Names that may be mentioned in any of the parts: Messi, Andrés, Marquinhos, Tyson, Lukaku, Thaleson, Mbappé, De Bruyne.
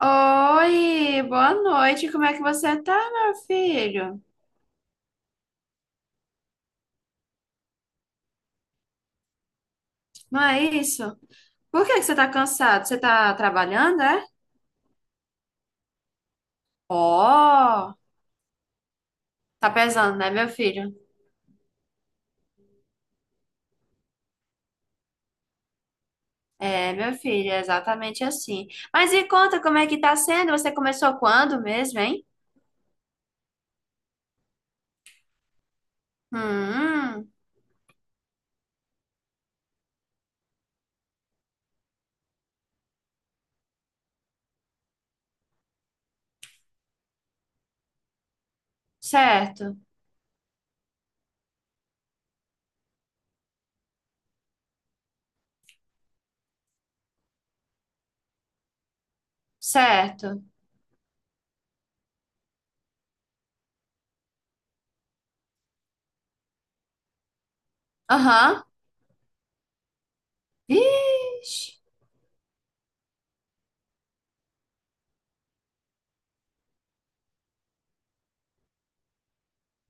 Oi, boa noite. Como é que você tá, meu filho? Não é isso? Por que que você tá cansado? Você tá trabalhando, é? Ó, tá pesando, né, meu filho? É, meu filho, é exatamente assim. Mas me conta como é que tá sendo? Você começou quando mesmo, hein? Hum, certo, certo. Aham. Ixi.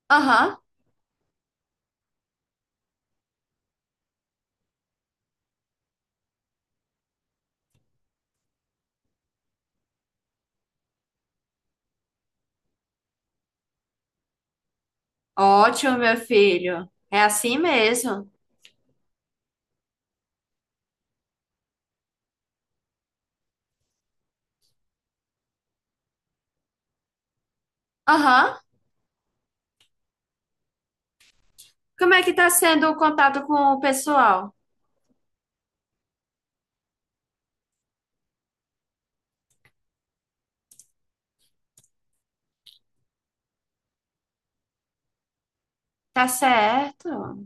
Aham. Ótimo, meu filho. É assim mesmo. Aham. Como é que tá sendo o contato com o pessoal? Tá certo.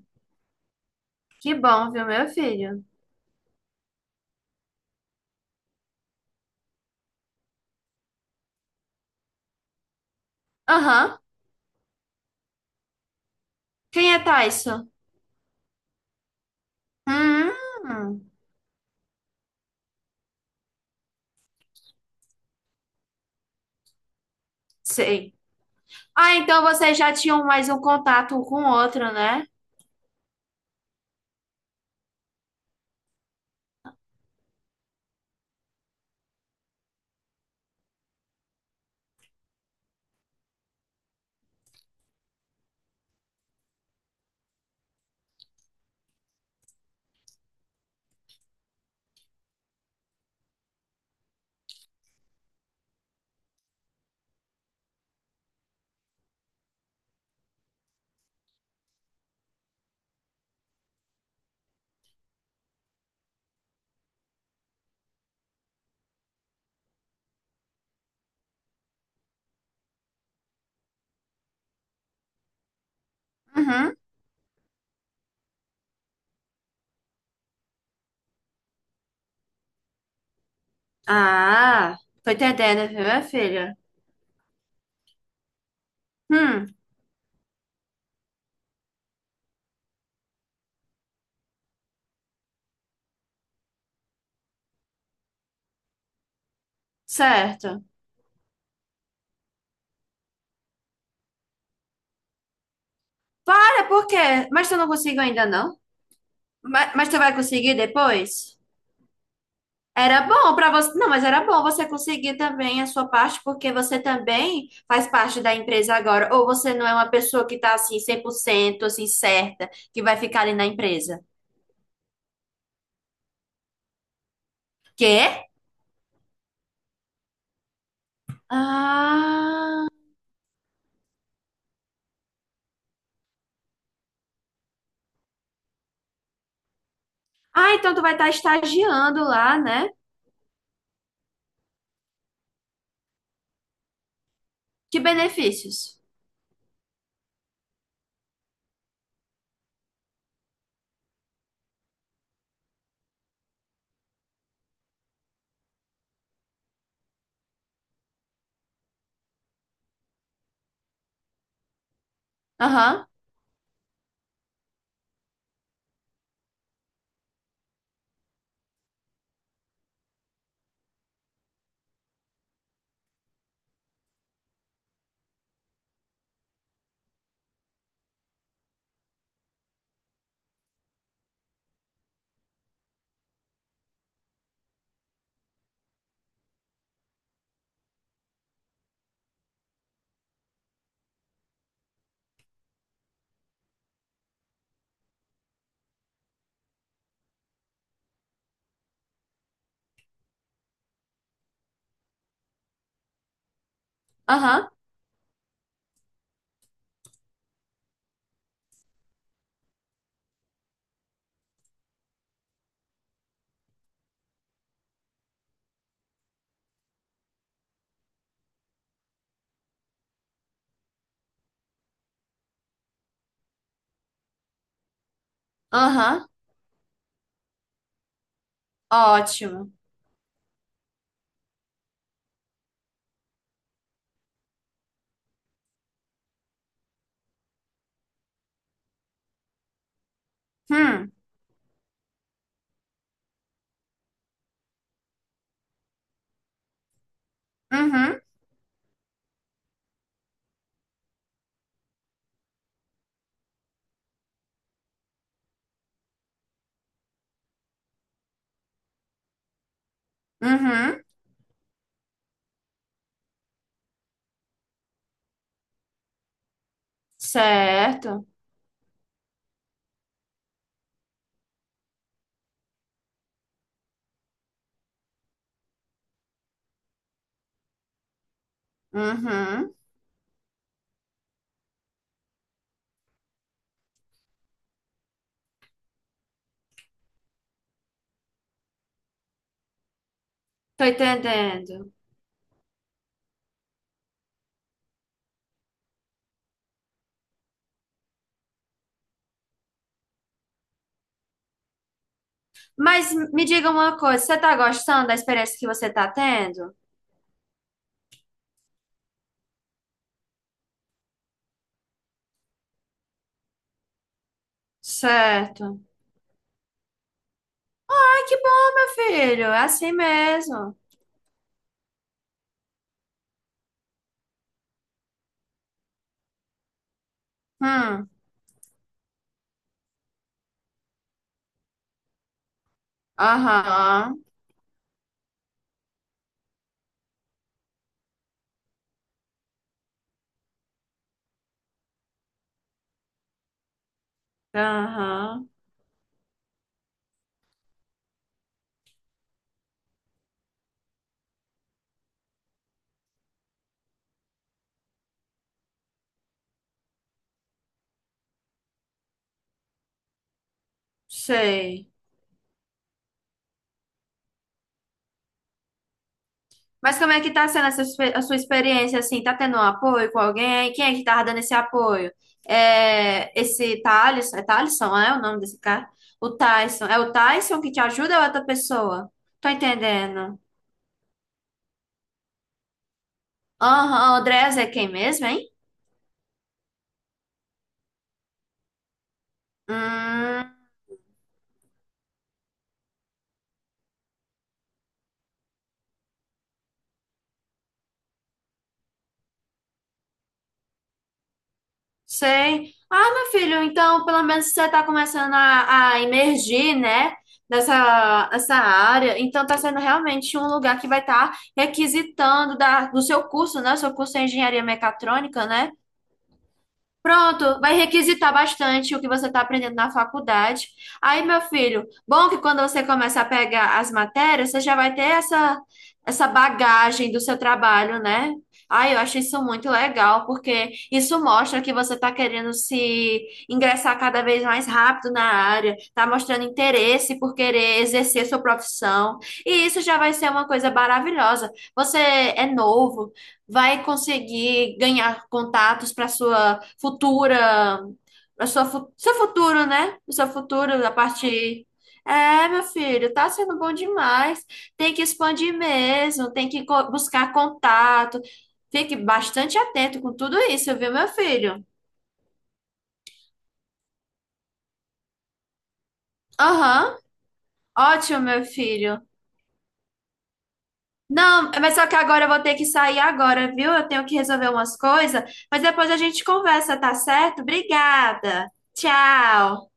Que bom, viu, meu filho? Aham. Quem é Tyson? Hum, sei. Ah, então vocês já tinham mais um contato um com o outro, né? Uhum. Ah, tô entendendo, viu, minha filha? Hum, certo. Por quê? Mas eu não consigo ainda, não? Mas tu vai conseguir depois? Era bom para você. Não, mas era bom você conseguir também a sua parte, porque você também faz parte da empresa agora. Ou você não é uma pessoa que tá assim 100% assim certa, que vai ficar ali na empresa. Quê? Ah, ah, então tu vai estar estagiando lá, né? Que benefícios? Aham, aham, aham. Ótimo. Hum, uhum, uhum. Certo. Uhum. Tô entendendo. Mas me diga uma coisa, você tá gostando da experiência que você tá tendo? Certo. Ai, que bom, meu filho. É assim mesmo. Hum, aham, aham, sei. Mas como é que tá sendo a sua experiência, assim? Tá tendo um apoio com alguém? Quem é que tava dando esse apoio? É, esse Thales, é Thaleson, né? O nome desse cara? O Tyson. É o Tyson que te ajuda ou é outra pessoa? Tô entendendo. Aham, o Andrés é quem mesmo, hein? Hum. Sei. Ah, meu filho, então pelo menos você está começando a, emergir, né? Nessa, essa área. Então está sendo realmente um lugar que vai estar requisitando do seu curso, né? O seu curso é engenharia mecatrônica, né? Pronto, vai requisitar bastante o que você está aprendendo na faculdade. Aí, meu filho, bom que quando você começa a pegar as matérias, você já vai ter essa bagagem do seu trabalho, né? Ai, eu acho isso muito legal, porque isso mostra que você está querendo se ingressar cada vez mais rápido na área, está mostrando interesse por querer exercer sua profissão, e isso já vai ser uma coisa maravilhosa. Você é novo, vai conseguir ganhar contatos para sua futura, para sua fu- seu futuro, né? O seu futuro da parte. É, meu filho, tá sendo bom demais. Tem que expandir mesmo, buscar contato. Fique bastante atento com tudo isso, viu, meu filho? Aham, ótimo, meu filho. Não, mas só que agora eu vou ter que sair agora, viu? Eu tenho que resolver umas coisas, mas depois a gente conversa, tá certo? Obrigada. Tchau.